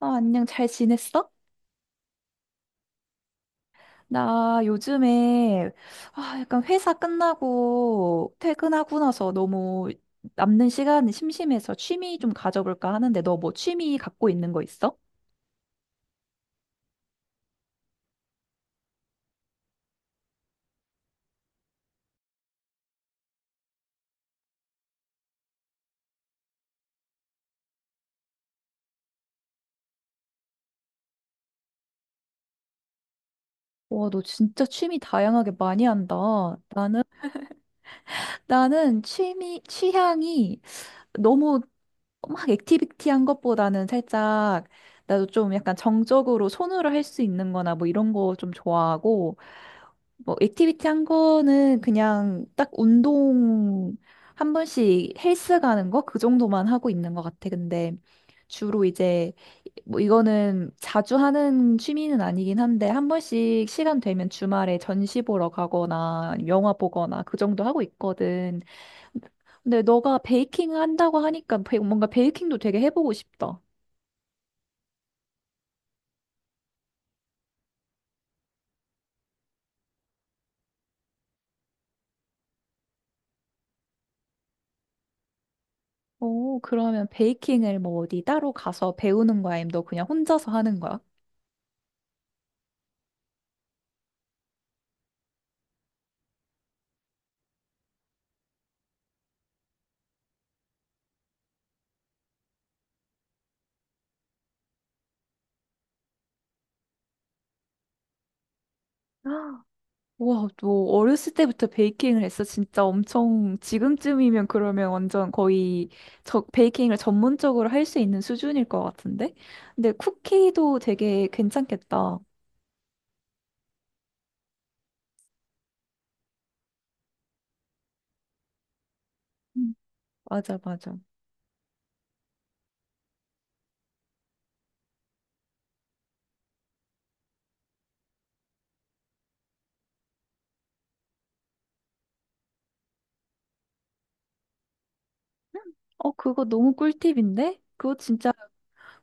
아, 안녕, 잘 지냈어? 나 요즘에, 아, 약간 회사 끝나고 퇴근하고 나서 너무 남는 시간이 심심해서 취미 좀 가져볼까 하는데, 너 뭐 취미 갖고 있는 거 있어? 와, 너 진짜 취미 다양하게 많이 한다. 나는, 나는 취미, 취향이 너무 막 액티비티한 것보다는 살짝 나도 좀 약간 정적으로 손으로 할 수 있는 거나 뭐 이런 거 좀 좋아하고 뭐 액티비티한 거는 그냥 딱 운동 한 번씩 헬스 가는 거 그 정도만 하고 있는 것 같아. 근데 주로 이제 뭐 이거는 자주 하는 취미는 아니긴 한데 한 번씩 시간 되면 주말에 전시 보러 가거나 아니면 영화 보거나 그 정도 하고 있거든. 근데 너가 베이킹 한다고 하니까 뭔가 베이킹도 되게 해보고 싶다. 오, 그러면 베이킹을 뭐 어디 따로 가서 배우는 거야? 아니면 너 그냥 혼자서 하는 거야? 우와, 너 어렸을 때부터 베이킹을 했어? 진짜 엄청 지금쯤이면 그러면 완전 거의 저 베이킹을 전문적으로 할 수 있는 수준일 것 같은데? 근데 쿠키도 되게 괜찮겠다. 음. 맞아, 맞아. 어, 그거 너무 꿀팁인데? 그거 진짜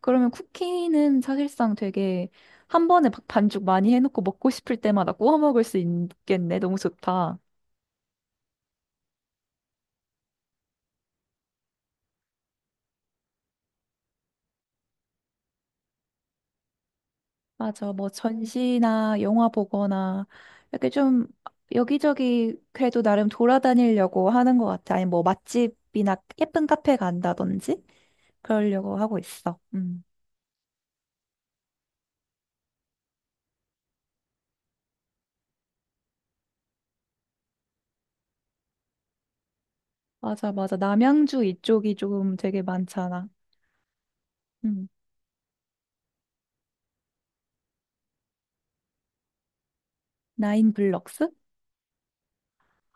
그러면 쿠키는 사실상 되게 한 번에 막 반죽 많이 해놓고 먹고 싶을 때마다 구워 먹을 수 있겠네. 너무 좋다. 맞아. 뭐 전시나 영화 보거나 이렇게 좀 여기저기 그래도 나름 돌아다니려고 하는 것 같아. 아니 뭐 맛집이나 예쁜 카페 간다든지 그러려고 하고 있어. 음. 맞아, 맞아. 남양주 이쪽이 좀 되게 많잖아. 음. 나인블럭스?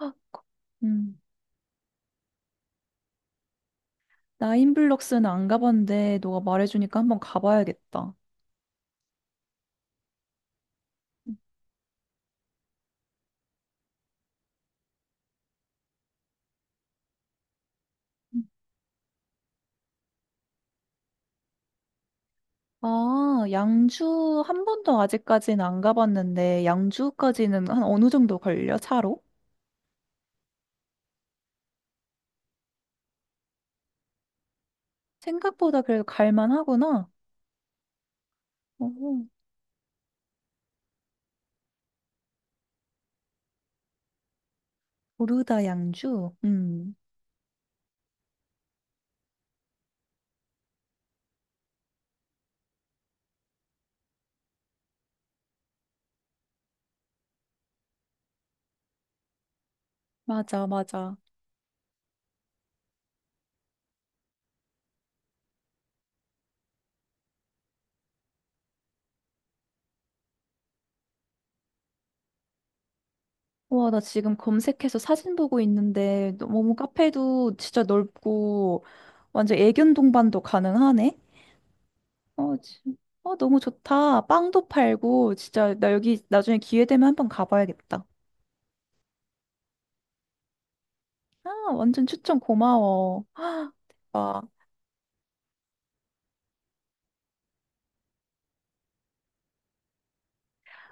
헉, 음. 나인블럭스는 안 가봤는데 너가 말해주니까 한번 가봐야겠다. 아, 양주 한 번도 아직까지는 안 가봤는데 양주까지는 한 어느 정도 걸려? 차로? 생각보다 그래도 갈만하구나. 오, 르다 양주. 맞아, 맞아. 와, 나 지금 검색해서 사진 보고 있는데 너무 카페도 진짜 넓고 완전 애견 동반도 가능하네. 어, 지- 어, 너무 좋다. 빵도 팔고, 진짜, 나 여기 나중에 기회 되면 한번 가봐야겠다. 아, 완전 추천 고마워. 아,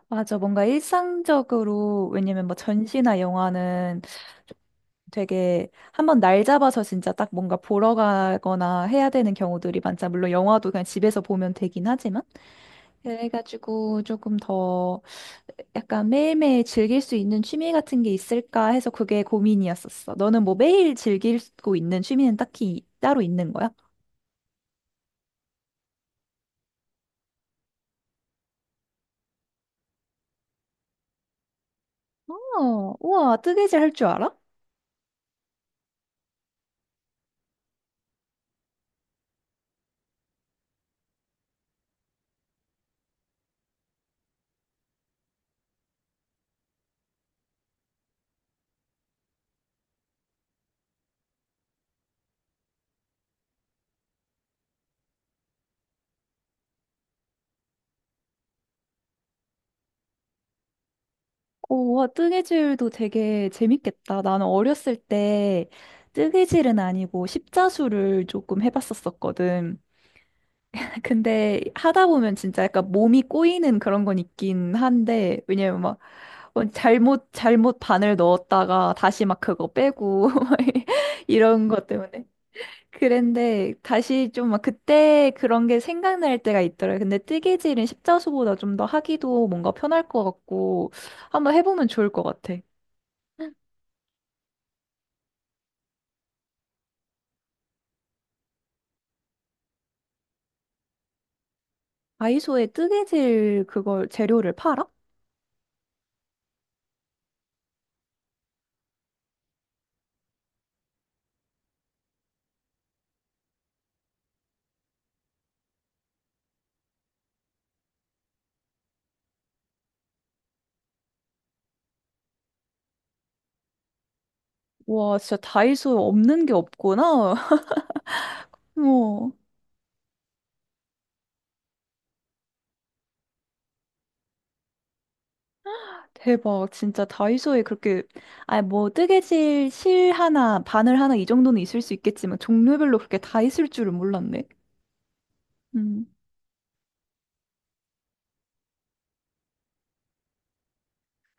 맞아. 뭔가 일상적으로, 왜냐면 뭐 전시나 영화는 되게 한번 날 잡아서 진짜 딱 뭔가 보러 가거나 해야 되는 경우들이 많잖아. 물론 영화도 그냥 집에서 보면 되긴 하지만. 그래가지고 조금 더 약간 매일매일 즐길 수 있는 취미 같은 게 있을까 해서 그게 고민이었었어. 너는 뭐 매일 즐기고 있는 취미는 딱히 따로 있는 거야? 어, 우와, 뜨개질 할 줄 알아? 오, 와, 뜨개질도 되게 재밌겠다. 나는 어렸을 때 뜨개질은 아니고 십자수를 조금 해봤었었거든. 근데 하다 보면 진짜 약간 몸이 꼬이는 그런 건 있긴 한데, 왜냐면 막 뭐 잘못 반을 넣었다가 다시 막 그거 빼고 이런 것 때문에 그랬는데 다시 좀 막 그때 그런 게 생각날 때가 있더라고요. 근데 뜨개질은 십자수보다 좀 더 하기도 뭔가 편할 것 같고 한번 해보면 좋을 것 같아. 다이소에 뜨개질 그걸 재료를 팔아? 와 진짜 다이소 없는 게 없구나. 어. 대박. 진짜 다이소에 그렇게, 아니, 뭐, 뜨개질 실 하나, 바늘 하나 이 정도는 있을 수 있겠지만, 종류별로 그렇게 다 있을 줄은 몰랐네. 음,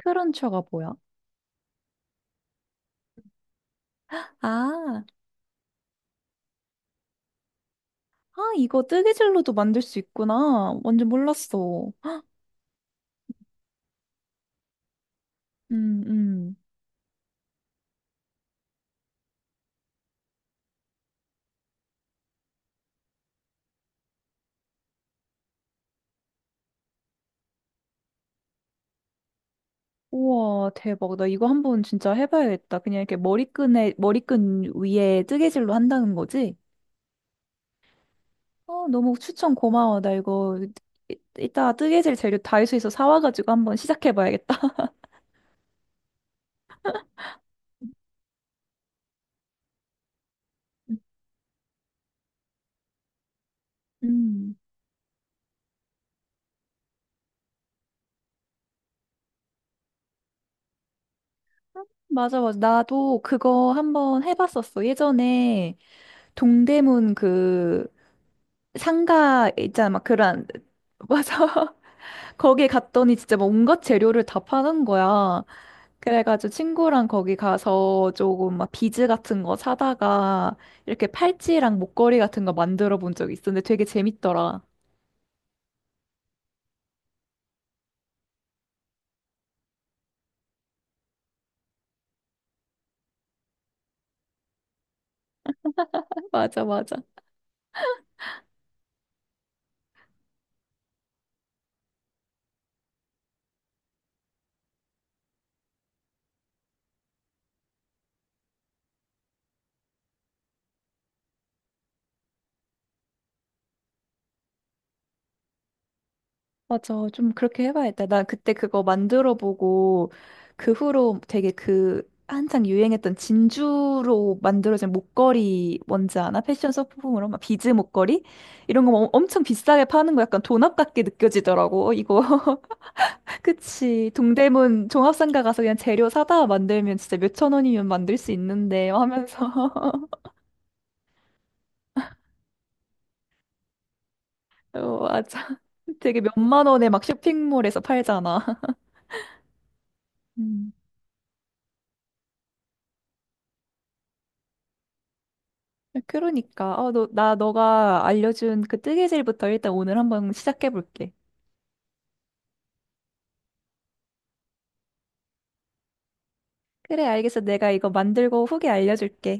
크런처가 뭐야? 아, 아, 이거 뜨개질로도 만들 수 있구나. 완전 몰랐어. 음, 음. 우와, 대박. 나 이거 한번 진짜 해봐야겠다. 그냥 이렇게 머리끈에, 머리끈 위에 뜨개질로 한다는 거지? 어, 너무 추천 고마워. 이따 뜨개질 재료 다이소에서 사와가지고 한번 시작해봐야겠다. 음, 맞아, 맞아. 나도 그거 한번 해봤었어. 예전에 동대문 그 상가 있잖아. 막 그런, 맞아. 거기 갔더니 진짜 뭐 온갖 재료를 다 파는 거야. 그래가지고 친구랑 거기 가서 조금 막 비즈 같은 거 사다가 이렇게 팔찌랑 목걸이 같은 거 만들어 본 적이 있었는데 되게 재밌더라. 맞아, 맞아. 맞아. 좀 그렇게 해봐야겠다. 나 그때 그거 만들어 보고 그 후로 되게 그 한창 유행했던 진주로 만들어진 목걸이 뭔지 아나? 패션 소품으로 막 비즈 목걸이? 이런 거 엄청 비싸게 파는 거 약간 돈 아깝게 느껴지더라고. 어, 이거. 그치. 동대문 종합상가 가서 그냥 재료 사다 만들면 진짜 몇 천 원이면 만들 수 있는데 하면서. 어, 맞아. 되게 몇 만 원에 막 쇼핑몰에서 팔잖아. 음. 그러니까 어, 너, 나 너가 알려준 그 뜨개질부터 일단 오늘 한번 시작해 볼게. 그래, 알겠어. 내가 이거 만들고 후기 알려줄게.